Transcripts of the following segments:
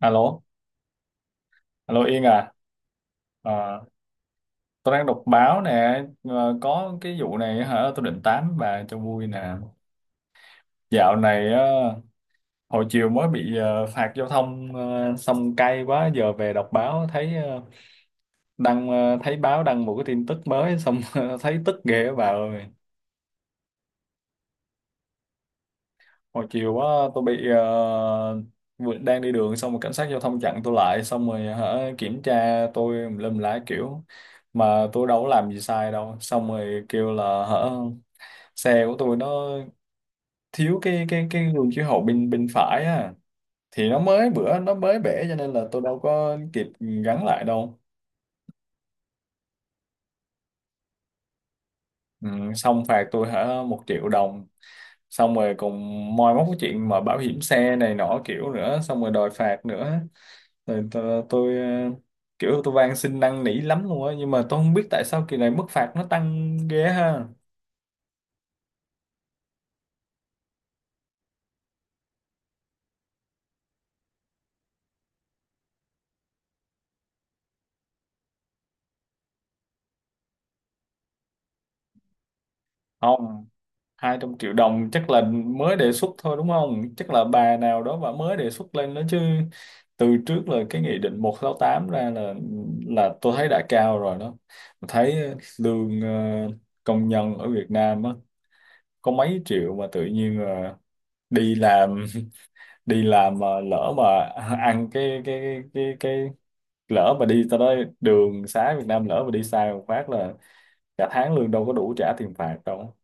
Alo, alo Yên à. Ờ, tôi đang đọc báo nè. Ờ, có cái vụ này hả? Tôi định tám bà cho vui nè. Dạo này hồi chiều mới bị phạt giao thông xong cay quá. Giờ về đọc báo thấy thấy báo đăng một cái tin tức mới xong thấy tức ghê á bà ơi. Hồi chiều quá tôi bị đang đi đường xong rồi cảnh sát giao thông chặn tôi lại xong rồi hả, kiểm tra tôi tùm lum lá kiểu mà tôi đâu có làm gì sai đâu, xong rồi kêu là hả xe của tôi nó thiếu cái gương chiếu hậu bên bên phải á, thì nó mới bữa nó mới bể cho nên là tôi đâu có kịp gắn lại đâu. Ừ, xong phạt tôi hả 1 triệu đồng, xong rồi còn moi móc cái chuyện mà bảo hiểm xe này nọ kiểu nữa xong rồi đòi phạt nữa. Rồi tôi kiểu tôi van xin năn nỉ lắm luôn á, nhưng mà tôi không biết tại sao kỳ này mức phạt nó tăng ghê ha. Không, 200 triệu đồng chắc là mới đề xuất thôi đúng không? Chắc là bà nào đó bà mới đề xuất lên đó chứ. Từ trước là cái nghị định 168 ra là tôi thấy đã cao rồi đó. Tôi thấy lương công nhân ở Việt Nam á có mấy triệu, mà tự nhiên đi làm đi làm mà lỡ mà ăn cái lỡ mà đi tới đó, đường xá Việt Nam lỡ mà đi sai một phát là cả tháng lương đâu có đủ trả tiền phạt đâu.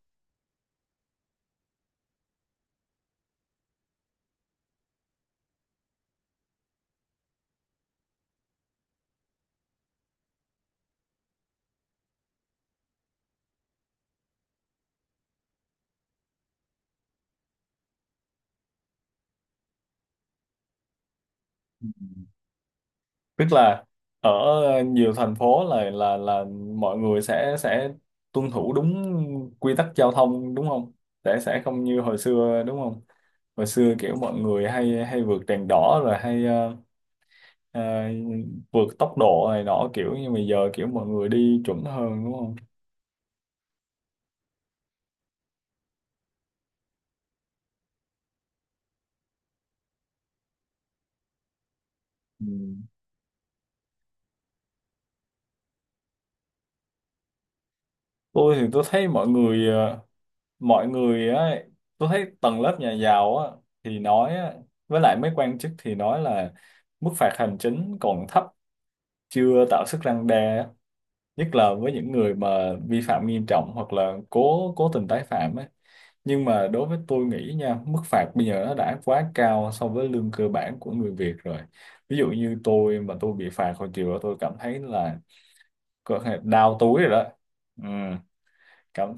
Tức là ở nhiều thành phố là mọi người sẽ tuân thủ đúng quy tắc giao thông đúng không? Sẽ không như hồi xưa đúng không? Hồi xưa kiểu mọi người hay hay vượt đèn đỏ, rồi hay ờ, vượt tốc độ này nọ, kiểu như bây giờ kiểu mọi người đi chuẩn hơn đúng không? Ừ. Tôi thì tôi thấy mọi người mọi người á, tôi thấy tầng lớp nhà giàu á thì nói á, với lại mấy quan chức thì nói là mức phạt hành chính còn thấp, chưa tạo sức răn đe á. Nhất là với những người mà vi phạm nghiêm trọng hoặc là cố cố tình tái phạm ấy. Nhưng mà đối với tôi nghĩ nha, mức phạt bây giờ nó đã quá cao so với lương cơ bản của người Việt rồi. Ví dụ như tôi mà tôi bị phạt hồi chiều đó, tôi cảm thấy là có thể đau túi rồi đó. Ừ, cảm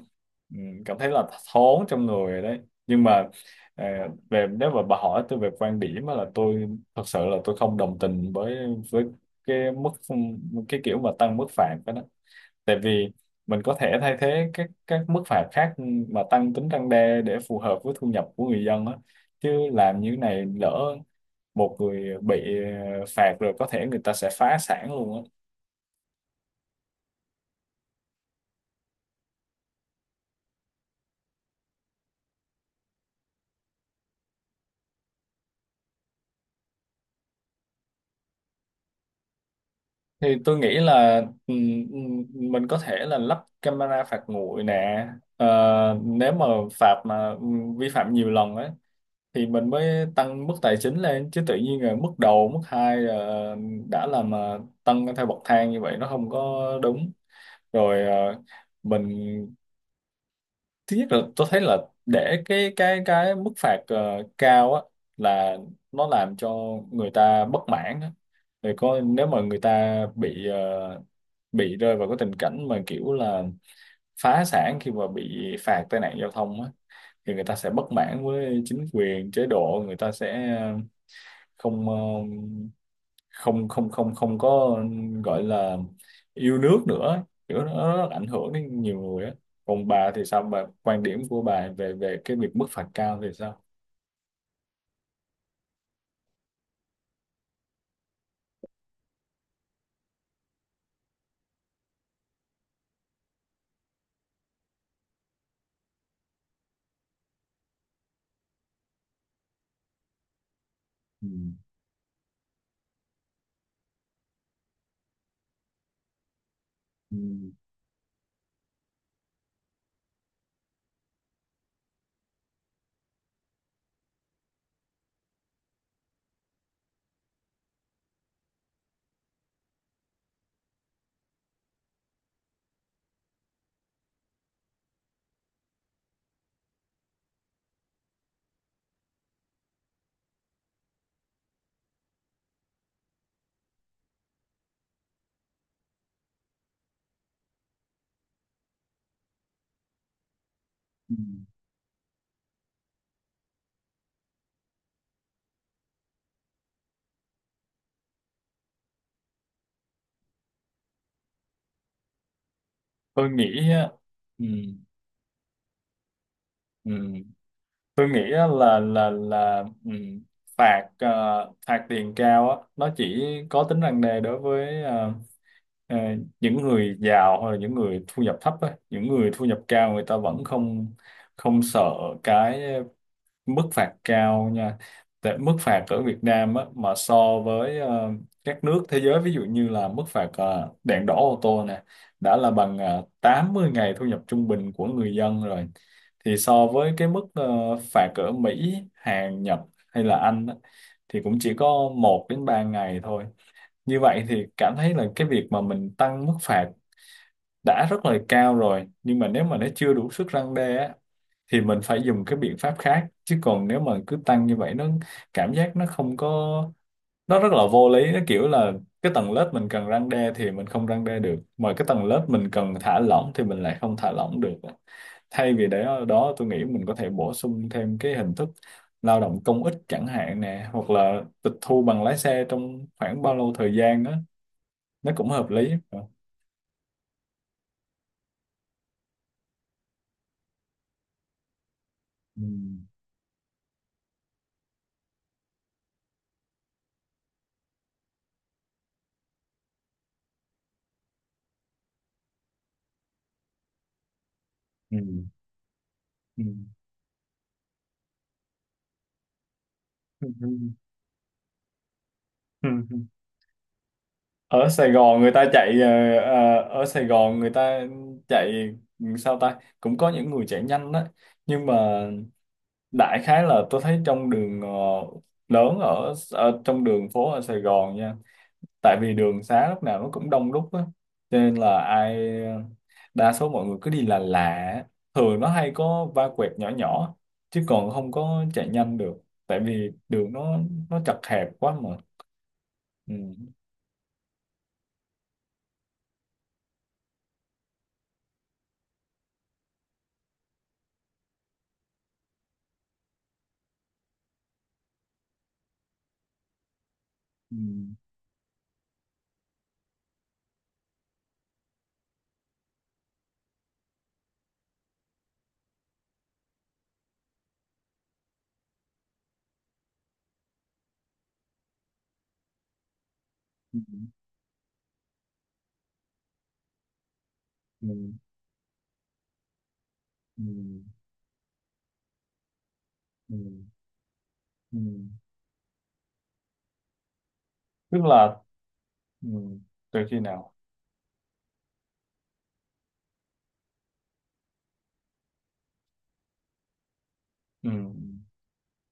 ừ, cảm thấy là thốn trong người rồi đấy, nhưng mà ờ, về nếu mà bà hỏi tôi về quan điểm á là tôi thật sự là tôi không đồng tình với với cái mức cái kiểu mà tăng mức phạt đó. Tại vì mình có thể thay thế các mức phạt khác mà tăng tính răn đe để phù hợp với thu nhập của người dân á, chứ làm như này lỡ một người bị phạt rồi có thể người ta sẽ phá sản luôn á. Thì tôi nghĩ là ừm, ừm, mình có thể là lắp camera phạt nguội nè. Ờ, Nếu mà phạt mà vi phạm nhiều lần ấy thì mình mới tăng mức tài chính lên, chứ tự nhiên là mức đầu mức hai là đã là mà tăng theo bậc thang như vậy nó không có đúng. Rồi mình, thứ nhất là tôi thấy là để cái mức phạt cao á là nó làm cho người ta bất mãn á. Rồi nếu mà người ta bị bị rơi vào cái tình cảnh mà kiểu là phá sản khi mà bị phạt tai nạn giao thông á, thì người ta sẽ bất mãn với chính quyền chế độ, người ta sẽ không không không không không có gọi là yêu nước nữa, kiểu nó rất ảnh hưởng đến nhiều người á. Còn bà thì sao, bà quan điểm của bà về về cái việc mức phạt cao thì sao? Ừ. Ừ. Ừ. Tôi nghĩ á, ừ. Ừ. Tôi nghĩ á là ừ. Phạt phạt tiền cao á nó chỉ có tính răn đe đối với ờ, những người giàu hoặc là những người thu nhập thấp á, những người thu nhập cao người ta vẫn không không sợ cái mức phạt cao nha. Tại mức phạt ở Việt Nam á, mà so với các nước thế giới, ví dụ như là mức phạt đèn đỏ ô tô nè đã là bằng 80 ngày thu nhập trung bình của người dân rồi, thì so với cái mức phạt ở Mỹ, Hàn, Nhật hay là Anh á, thì cũng chỉ có 1 đến 3 ngày thôi. Như vậy thì cảm thấy là cái việc mà mình tăng mức phạt đã rất là cao rồi, nhưng mà nếu mà nó chưa đủ sức răn đe á, thì mình phải dùng cái biện pháp khác, chứ còn nếu mà cứ tăng như vậy nó cảm giác nó không có, nó rất là vô lý, nó kiểu là cái tầng lớp mình cần răn đe thì mình không răn đe được, mà cái tầng lớp mình cần thả lỏng thì mình lại không thả lỏng được. Thay vì để ở đó, tôi nghĩ mình có thể bổ sung thêm cái hình thức lao động công ích chẳng hạn nè, hoặc là tịch thu bằng lái xe trong khoảng bao lâu thời gian đó, nó cũng hợp lý. Ừ. Ừ. Ừ. Ừ, ừ, ừ. Ừ. Ở Sài Gòn người ta chạy ở Sài Gòn người ta chạy sao ta, cũng có những người chạy nhanh đó. Nhưng mà đại khái là tôi thấy trong đường lớn ở trong đường phố ở Sài Gòn nha. Tại vì đường xá lúc nào nó cũng đông đúc á, cho nên là ai ờ, đa số mọi người cứ đi là lạ lạ. Thường nó hay có va quẹt nhỏ nhỏ chứ còn không có chạy nhanh được, tại vì đường nó chật hẹp quá mà. Ừ. Ừ. Ừ, ừ, ừ, ừ, ừ. Tức là ừ, từ khi nào ừ.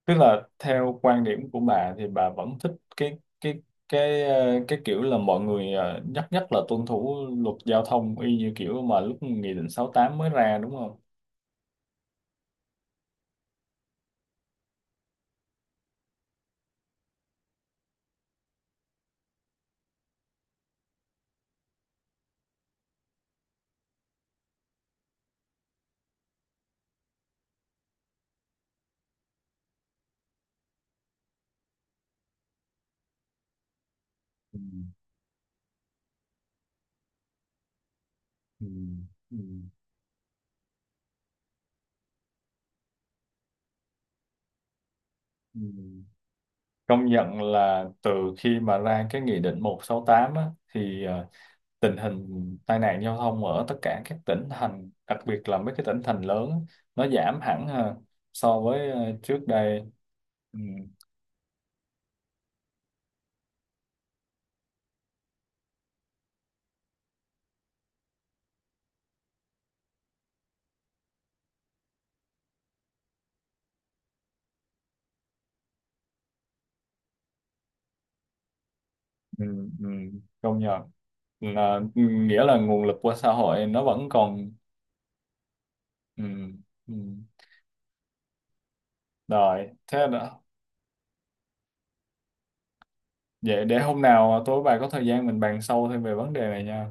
Tức là theo quan điểm của bà thì bà vẫn thích cái cái kiểu là mọi người nhất nhất là tuân thủ luật giao thông y như kiểu mà lúc nghị định 68 mới ra đúng không? Ừ, ừ, ừ, ừ. Công nhận là từ khi mà ra cái nghị định 168 á, thì tình hình tai nạn giao thông ở tất cả các tỉnh thành, đặc biệt là mấy cái tỉnh thành lớn á, nó giảm hẳn ha, so với trước đây. Ừ, ừ, ừ, công nhận là ừ, nghĩa là nguồn lực của xã hội nó vẫn còn. Ừ, ừ. Rồi thế đó. Vậy để hôm nào tôi với bà có thời gian mình bàn sâu thêm về vấn đề này nha.